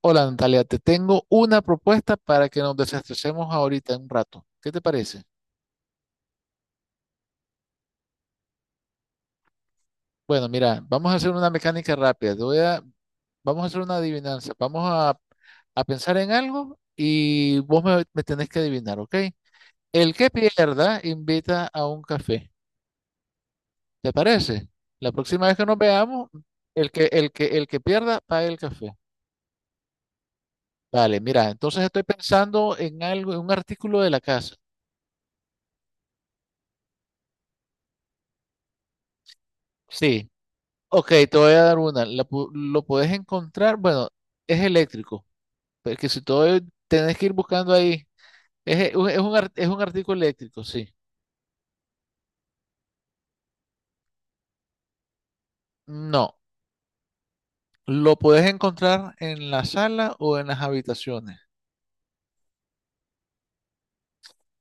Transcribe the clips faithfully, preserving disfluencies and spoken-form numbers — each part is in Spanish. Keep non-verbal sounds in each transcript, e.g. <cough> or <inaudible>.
Hola Natalia, te tengo una propuesta para que nos desestresemos ahorita en un rato. ¿Qué te parece? Bueno, mira, vamos a hacer una mecánica rápida. Te voy a- vamos a hacer una adivinanza. Vamos a, a pensar en algo y vos me, me tenés que adivinar, ¿ok? El que pierda invita a un café. ¿Te parece? La próxima vez que nos veamos, el que, el que, el que pierda paga el café. Vale, mira, entonces estoy pensando en algo, en un artículo de la casa. Sí. Ok, te voy a dar una. La pu- lo puedes encontrar, bueno, es eléctrico, porque si todo el- tenés que ir buscando ahí, es, e- un- es un, ar- es un artículo eléctrico, sí. No, lo puedes encontrar en la sala o en las habitaciones.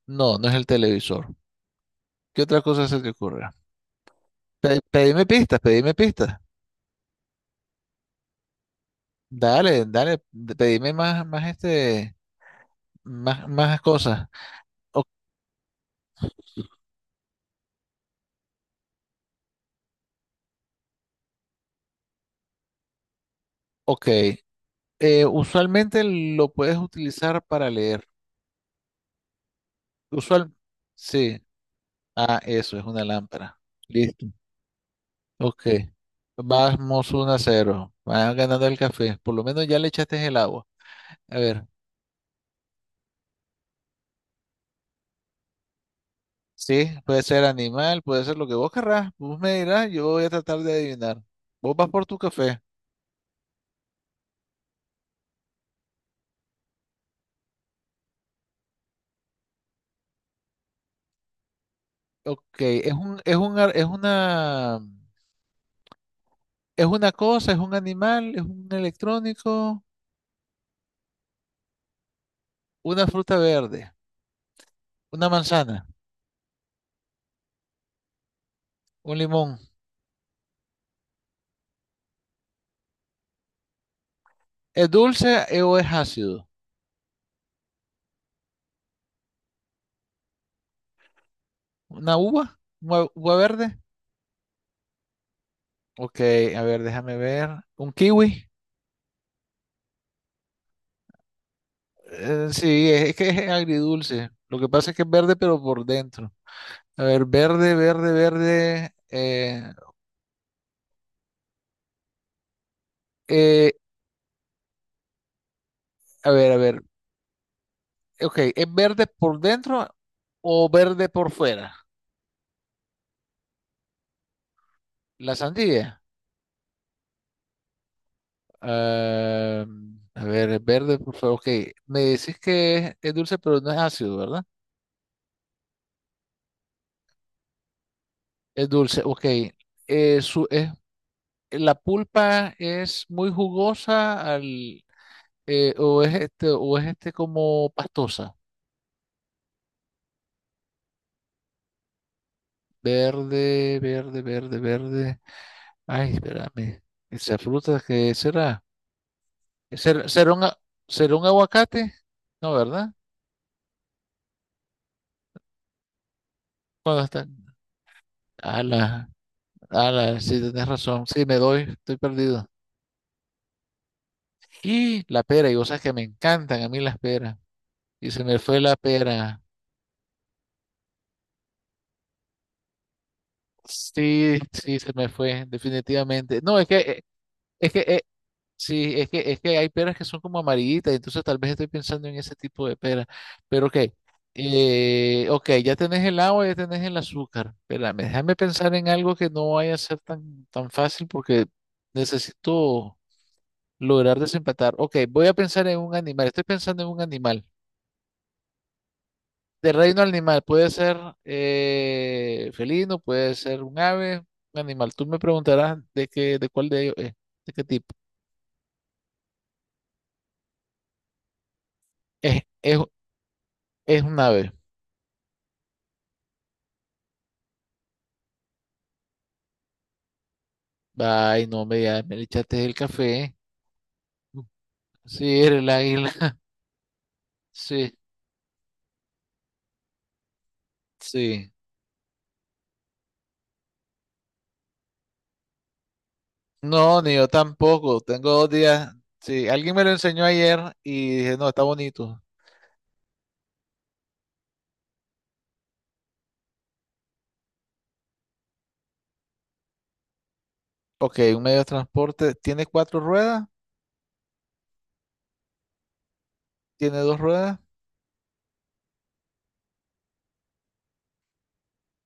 No, no es el televisor. ¿Qué otra cosa se te ocurra? Pe- pedime pistas, pedime pistas. Dale, dale, d- pedime más, más este, más, más cosas. O- ok, eh, usualmente lo puedes utilizar para leer. Usual, sí. Ah, eso, es una lámpara. Listo. Ok. Vamos uno a cero a cero. Van ganando el café. Por lo menos ya le echaste el agua. A ver. Sí, puede ser animal, puede ser lo que vos querrás. Vos me dirás, yo voy a tratar de adivinar. Vos vas por tu café. Ok, es un, es un, ar- es una, es una cosa, es un animal, es un electrónico, una fruta verde, una manzana, un limón. ¿Es dulce eh, o es ácido? ¿Una uva? ¿Una uva verde? Ok, a ver, déjame ver. ¿Un kiwi? Eh, sí, es que es agridulce. Lo que pasa es que es verde, pero por dentro. A ver, verde, verde, verde. Eh, eh, a ver, a ver. Ok, ¿es verde por dentro o verde por fuera? La sandía. Ah, a ver, es verde por fuera. Ok, me decís que es, es dulce, pero no es ácido, ¿verdad? Es dulce, ok. Eh, su, es- la pulpa es muy jugosa al, eh, o es este, o es este como pastosa, verde, verde, verde, verde. ay, espérame. Esa fruta, ¿qué será? ¿Será, será un, a- Será un aguacate? No, ¿verdad? Cuando está. Ala, ala, sí, tenés razón. Sí, me doy, estoy perdido. Y la pera, y vos sabes que me encantan a mí las peras. Y se me fue la pera. Sí, sí, se me fue, definitivamente. No, es que, eh, es que eh, Sí, es que, es que hay peras que son como amarillitas, entonces tal vez estoy pensando en ese tipo de pera. Pero ok, eh, ok, ya tenés el agua, ya tenés el azúcar. Espérame, déjame pensar en algo que no vaya a ser tan, tan fácil porque necesito lograr desempatar. Ok, voy a pensar en un animal, estoy pensando en un animal. De reino animal, puede ser eh, felino, puede ser un ave, un animal. Tú me preguntarás de qué, de cuál de ellos es, de qué tipo. Es, es, es un ave. Ay, no, me, ya me le echaste el café. Sí, eres el águila. <laughs> Sí, sí. No, ni yo tampoco. Tengo dos días. Sí, alguien me lo enseñó ayer y dije, no, está bonito. Ok, un medio de transporte. Tiene cuatro ruedas, tiene dos ruedas,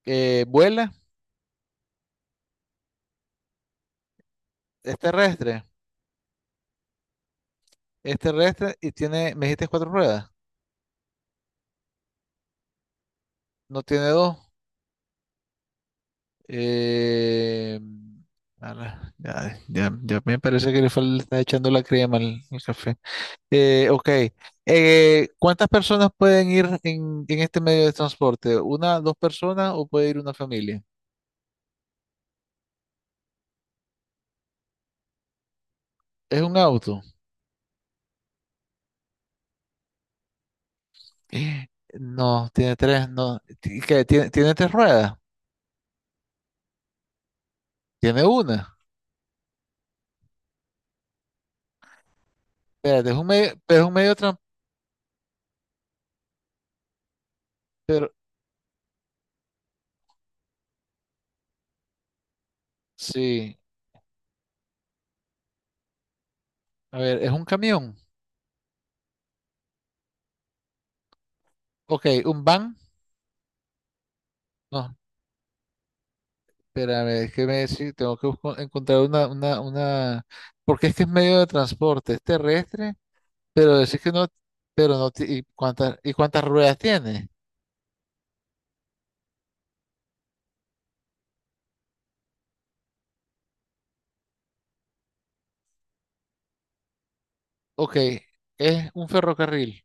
eh, vuela, es terrestre, es terrestre y tiene, me dijiste cuatro ruedas, no tiene dos. Eh, ala, ya, ya- ya me parece que le fal- le está echando la crema al al café. Eh, ok. Eh, ¿cuántas personas pueden ir en, en este medio de transporte? ¿Una, dos personas o puede ir una familia? ¿Es un auto? <gasps> Eh, no, tiene tres, no. ¿Ti- qué? ¿Tiene, tiene tres ruedas? Tiene una. Espérate, es un medio, pero es un medio de transporte. Pero, sí, a ver, ¿es un camión? Ok, ¿un van? No, espérame, es que me sí, tengo que busco- encontrar una, una, una, porque es que es medio de transporte, es terrestre, pero decir que no, pero no, ti- ¿y cuántas, y cuántas ruedas tiene? Ok, es un ferrocarril.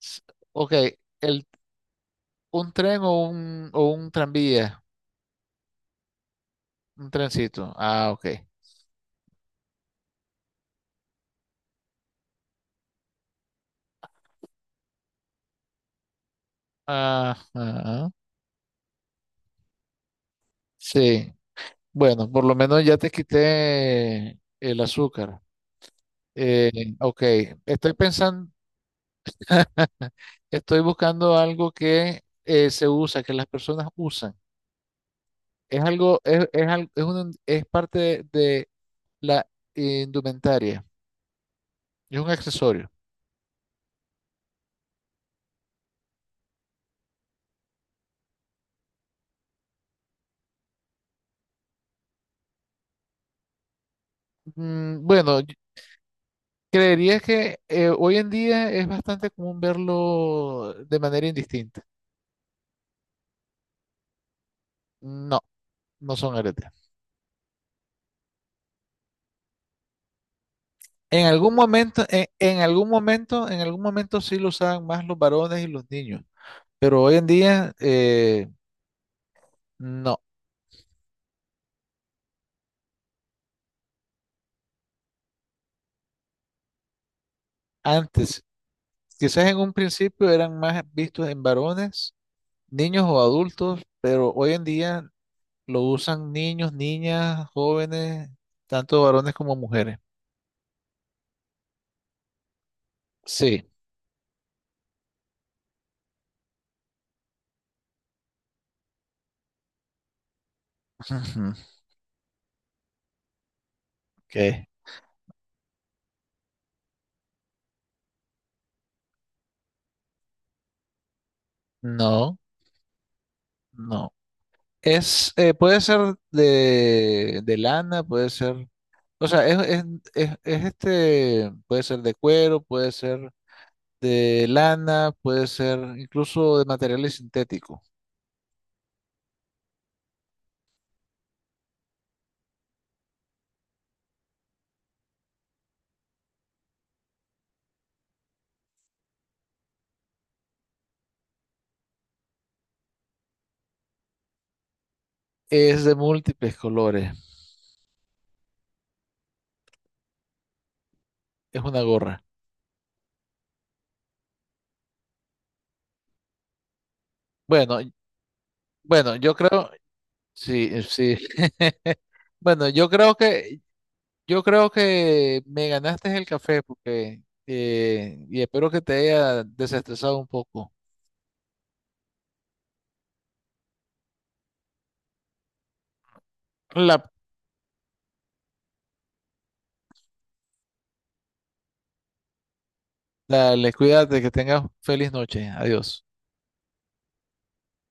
S- Ok, el, un tren o un, o un tranvía, un trencito. Ah, ok. Ajá, sí. Bueno, por lo menos ya te quité el azúcar. Eh, ok, estoy pensando, <laughs> estoy buscando algo que eh, se usa, que las personas usan. Es algo, es, es, al- es, un- Es parte de la indumentaria, es un accesorio. Mm, Bueno, Creería que eh, hoy en día es bastante común verlo de manera indistinta. No, no son aretes. En algún momento, en, en algún momento, en algún momento sí lo usaban más los varones y los niños, pero hoy en día eh, no. Antes, quizás en un principio eran más vistos en varones, niños o adultos, pero hoy en día lo usan niños, niñas, jóvenes, tanto varones como mujeres. Sí. <laughs> Ujú. Ok. No, no. Es, eh, puede ser de, de lana, puede ser, o sea, es, es, es- es este, puede ser de cuero, puede ser de lana, puede ser incluso de materiales sintéticos. Es de múltiples colores, es una gorra. Bueno, y- bueno, yo creo, sí, eh, sí. <laughs> Bueno, yo creo que, yo creo que me ganaste el café porque, eh, y espero que te haya desestresado un poco. La dale, cuídate, que tengas feliz noche. Adiós.